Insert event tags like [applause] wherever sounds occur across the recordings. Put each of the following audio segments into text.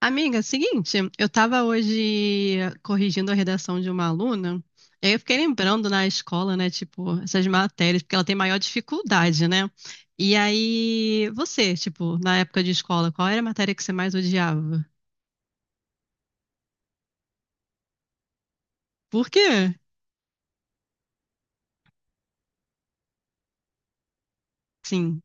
Amiga, seguinte, eu tava hoje corrigindo a redação de uma aluna, e aí eu fiquei lembrando na escola, né, tipo, essas matérias, porque ela tem maior dificuldade, né? E aí, você, tipo, na época de escola, qual era a matéria que você mais odiava? Por quê? Sim.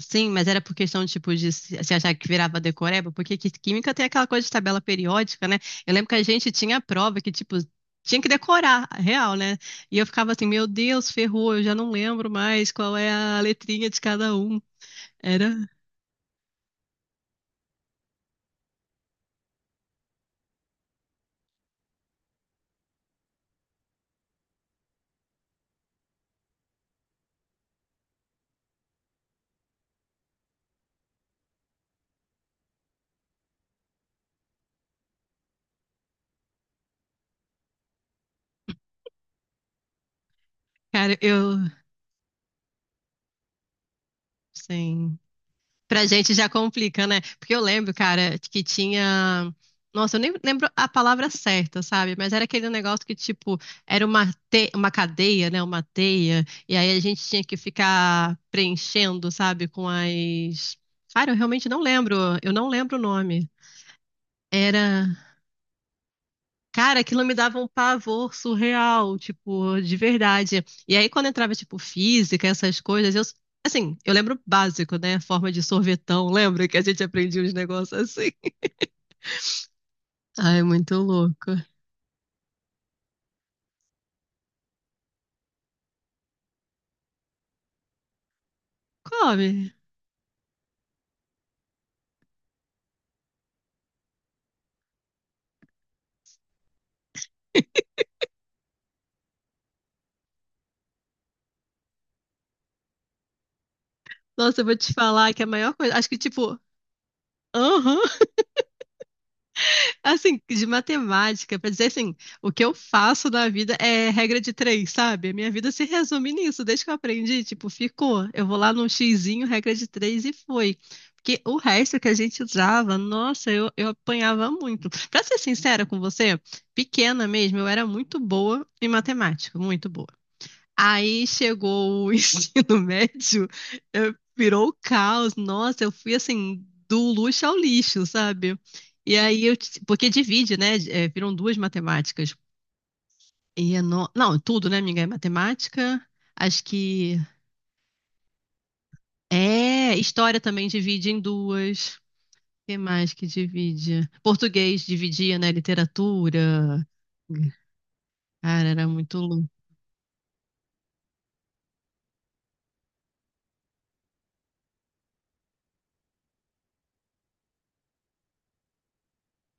Sim, mas era por questão, tipo, de se achar que virava decoreba, química tem aquela coisa de tabela periódica, né? Eu lembro que a gente tinha a prova que, tipo, tinha que decorar, real, né? E eu ficava assim, meu Deus, ferrou, eu já não lembro mais qual é a letrinha de cada um. Era, cara, eu, sim. Pra gente já complica, né? Porque eu lembro, cara, que tinha. Nossa, eu nem lembro a palavra certa, sabe? Mas era aquele negócio que, tipo, era uma, uma cadeia, né? Uma teia. E aí a gente tinha que ficar preenchendo, sabe? Com as. Cara, eu realmente não lembro. Eu não lembro o nome. Era. Cara, aquilo me dava um pavor surreal, tipo, de verdade. E aí, quando entrava, tipo, física, essas coisas, eu, assim, eu lembro o básico, né? Forma de sorvetão, [laughs] lembra que a gente aprendia uns negócios assim? Ai, muito louco. Come. Nossa, eu vou te falar que a maior coisa. Acho que, tipo, aham. Assim, de matemática, pra dizer assim, o que eu faço na vida é regra de três, sabe? A minha vida se resume nisso, desde que eu aprendi, tipo, ficou. Eu vou lá num xizinho, regra de três e foi. Porque o resto que a gente usava, nossa, eu apanhava muito. Pra ser sincera com você, pequena mesmo, eu era muito boa em matemática, muito boa. Aí chegou o [laughs] ensino médio, virou o caos. Nossa, eu fui assim, do luxo ao lixo, sabe? E aí eu. Porque divide, né? É, viram duas matemáticas. E é não, tudo, né, amiga? É matemática. Acho que. É, história também divide em duas. O que mais que divide? Português dividia, né? Literatura. Cara, era muito louco.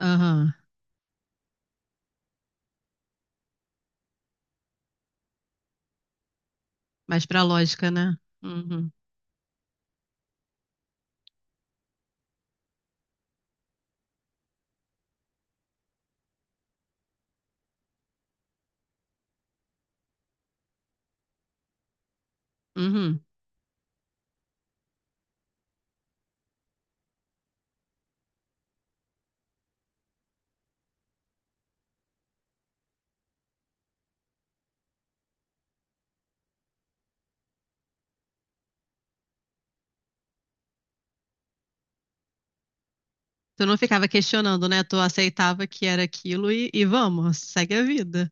Aham. Mais pra lógica, né? Uhum. Uhum. Tu não ficava questionando, né? Tu aceitava que era aquilo e vamos, segue a vida.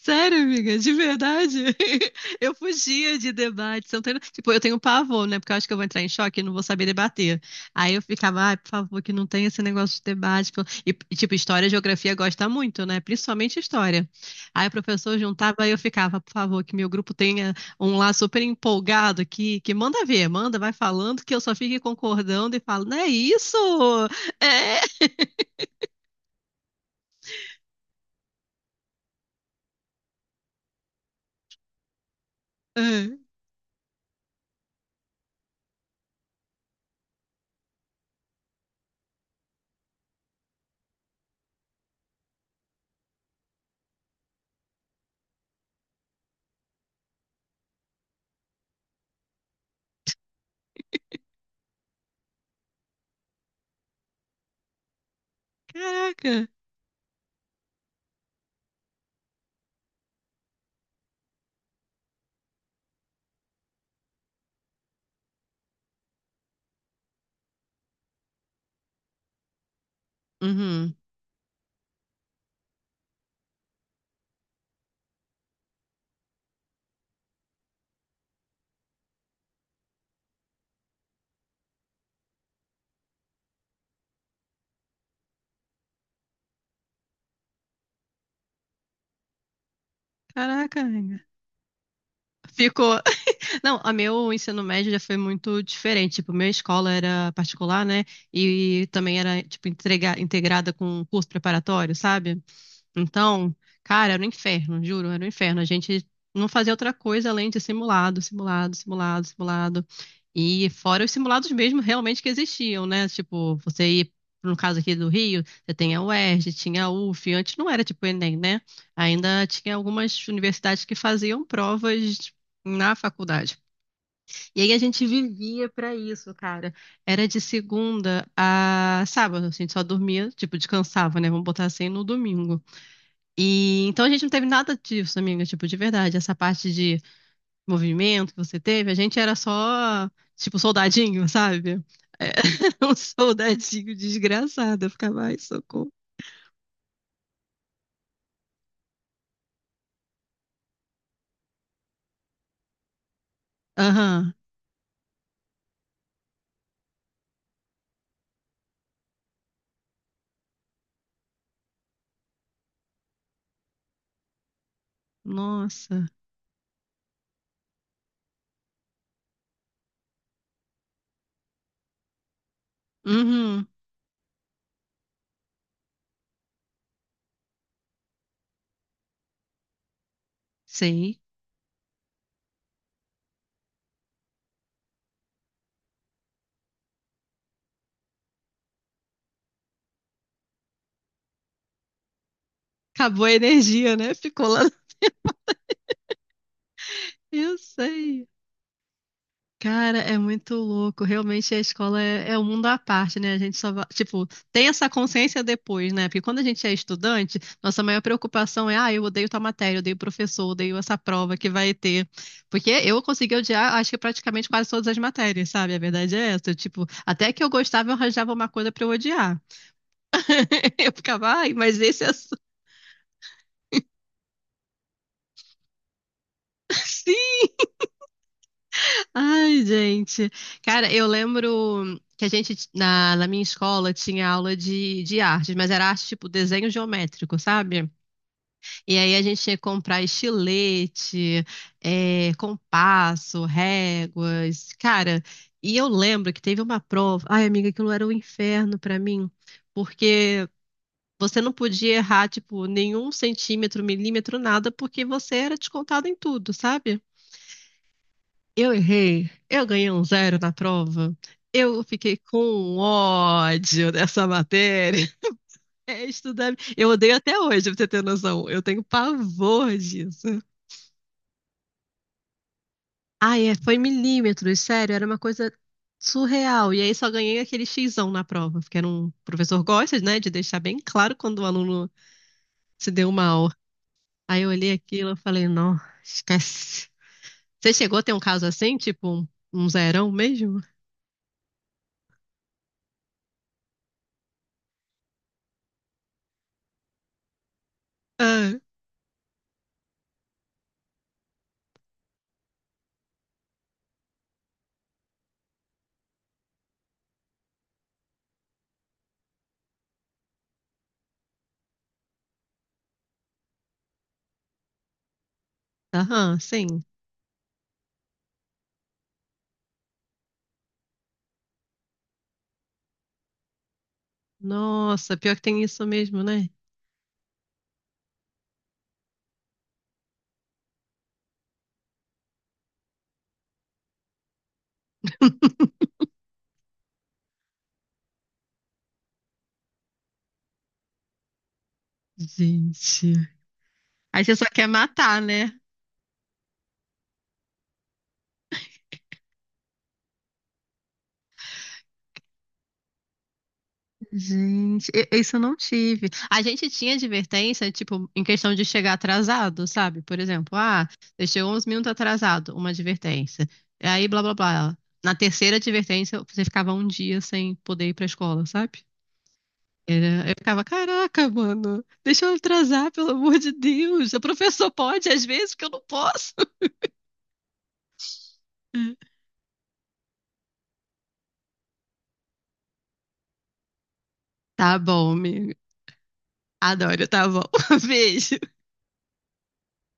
Sério, amiga, de verdade. [laughs] Eu fugia de debate. Você não tem- Tipo, eu tenho pavor, né? Porque eu acho que eu vou entrar em choque e não vou saber debater. Aí eu ficava, ai, por favor, que não tenha esse negócio de debate. Pô. Tipo, história e geografia gosta muito, né? Principalmente história. Aí o professor juntava e eu ficava, por favor, que meu grupo tenha um lá super empolgado que manda ver, manda, vai falando, que eu só fique concordando e falo, não é isso? É. [laughs] Ah, caraca. Uhum. Caraca, amiga. Ficou. Não, a meu ensino médio já foi muito diferente. Tipo, minha escola era particular, né? E também era, tipo, integrada com um curso preparatório, sabe? Então, cara, era um inferno, juro, era um inferno. A gente não fazia outra coisa além de simulado, simulado, simulado, simulado. E fora os simulados mesmo realmente que existiam, né? Tipo, você ir, no caso aqui do Rio, você tem a UERJ, tinha a UF, antes não era tipo o Enem, né? Ainda tinha algumas universidades que faziam provas na faculdade. E aí a gente vivia pra isso, cara. Era de segunda a sábado, a gente só dormia, tipo, descansava, né? Vamos botar assim no domingo. E então a gente não teve nada disso, amiga, tipo, de verdade, essa parte de movimento que você teve, a gente era só, tipo, soldadinho, sabe? É, [laughs] um soldadinho desgraçado, eu ficava, ai, socorro. Aham. Nossa. Uhum. Sei. Acabou a energia, né? Ficou lá. [laughs] Eu sei. Cara, é muito louco. Realmente a escola é um mundo à parte, né? A gente só, tipo, tem essa consciência depois, né? Porque quando a gente é estudante, nossa maior preocupação é, ah, eu odeio tal matéria, eu odeio o professor, eu odeio essa prova que vai ter. Porque eu consegui odiar, acho que praticamente quase todas as matérias, sabe? A verdade é essa. Tipo, até que eu gostava, eu arranjava uma coisa pra eu odiar. [laughs] Eu ficava, ai, mas esse assunto. [laughs] Ai, gente. Cara, eu lembro que a gente, na minha escola, tinha aula de arte, mas era arte tipo desenho geométrico, sabe? E aí a gente tinha que comprar estilete, compasso, réguas. Cara, e eu lembro que teve uma prova. Ai, amiga, aquilo era um inferno pra mim, porque. Você não podia errar, tipo, nenhum centímetro, milímetro, nada, porque você era descontado em tudo, sabe? Eu errei, eu ganhei um zero na prova, eu fiquei com um ódio dessa matéria. [laughs] É estudar. Eu odeio até hoje, pra você ter noção. Eu tenho pavor disso. Ah, é, foi milímetros, sério, era uma coisa surreal. E aí só ganhei aquele xizão na prova, porque era um o professor gosta, né, de deixar bem claro quando o aluno se deu mal. Aí eu olhei aquilo e falei, não, esquece. Você chegou a ter um caso assim, tipo um, um zerão mesmo? Ah, aham, sim. Nossa, pior que tem isso mesmo, né? Gente. Aí você só quer matar, né? Gente, isso eu não tive. A gente tinha advertência, tipo, em questão de chegar atrasado, sabe? Por exemplo, ah, você chegou uns minutos atrasado, uma advertência. E aí, blá, blá, blá. Na terceira advertência, você ficava um dia sem poder ir pra escola, sabe? Eu ficava, caraca, mano, deixa eu atrasar, pelo amor de Deus. O professor pode, às vezes, porque eu não posso. [laughs] Tá bom, amigo. Adoro, tá bom. [laughs] Beijo.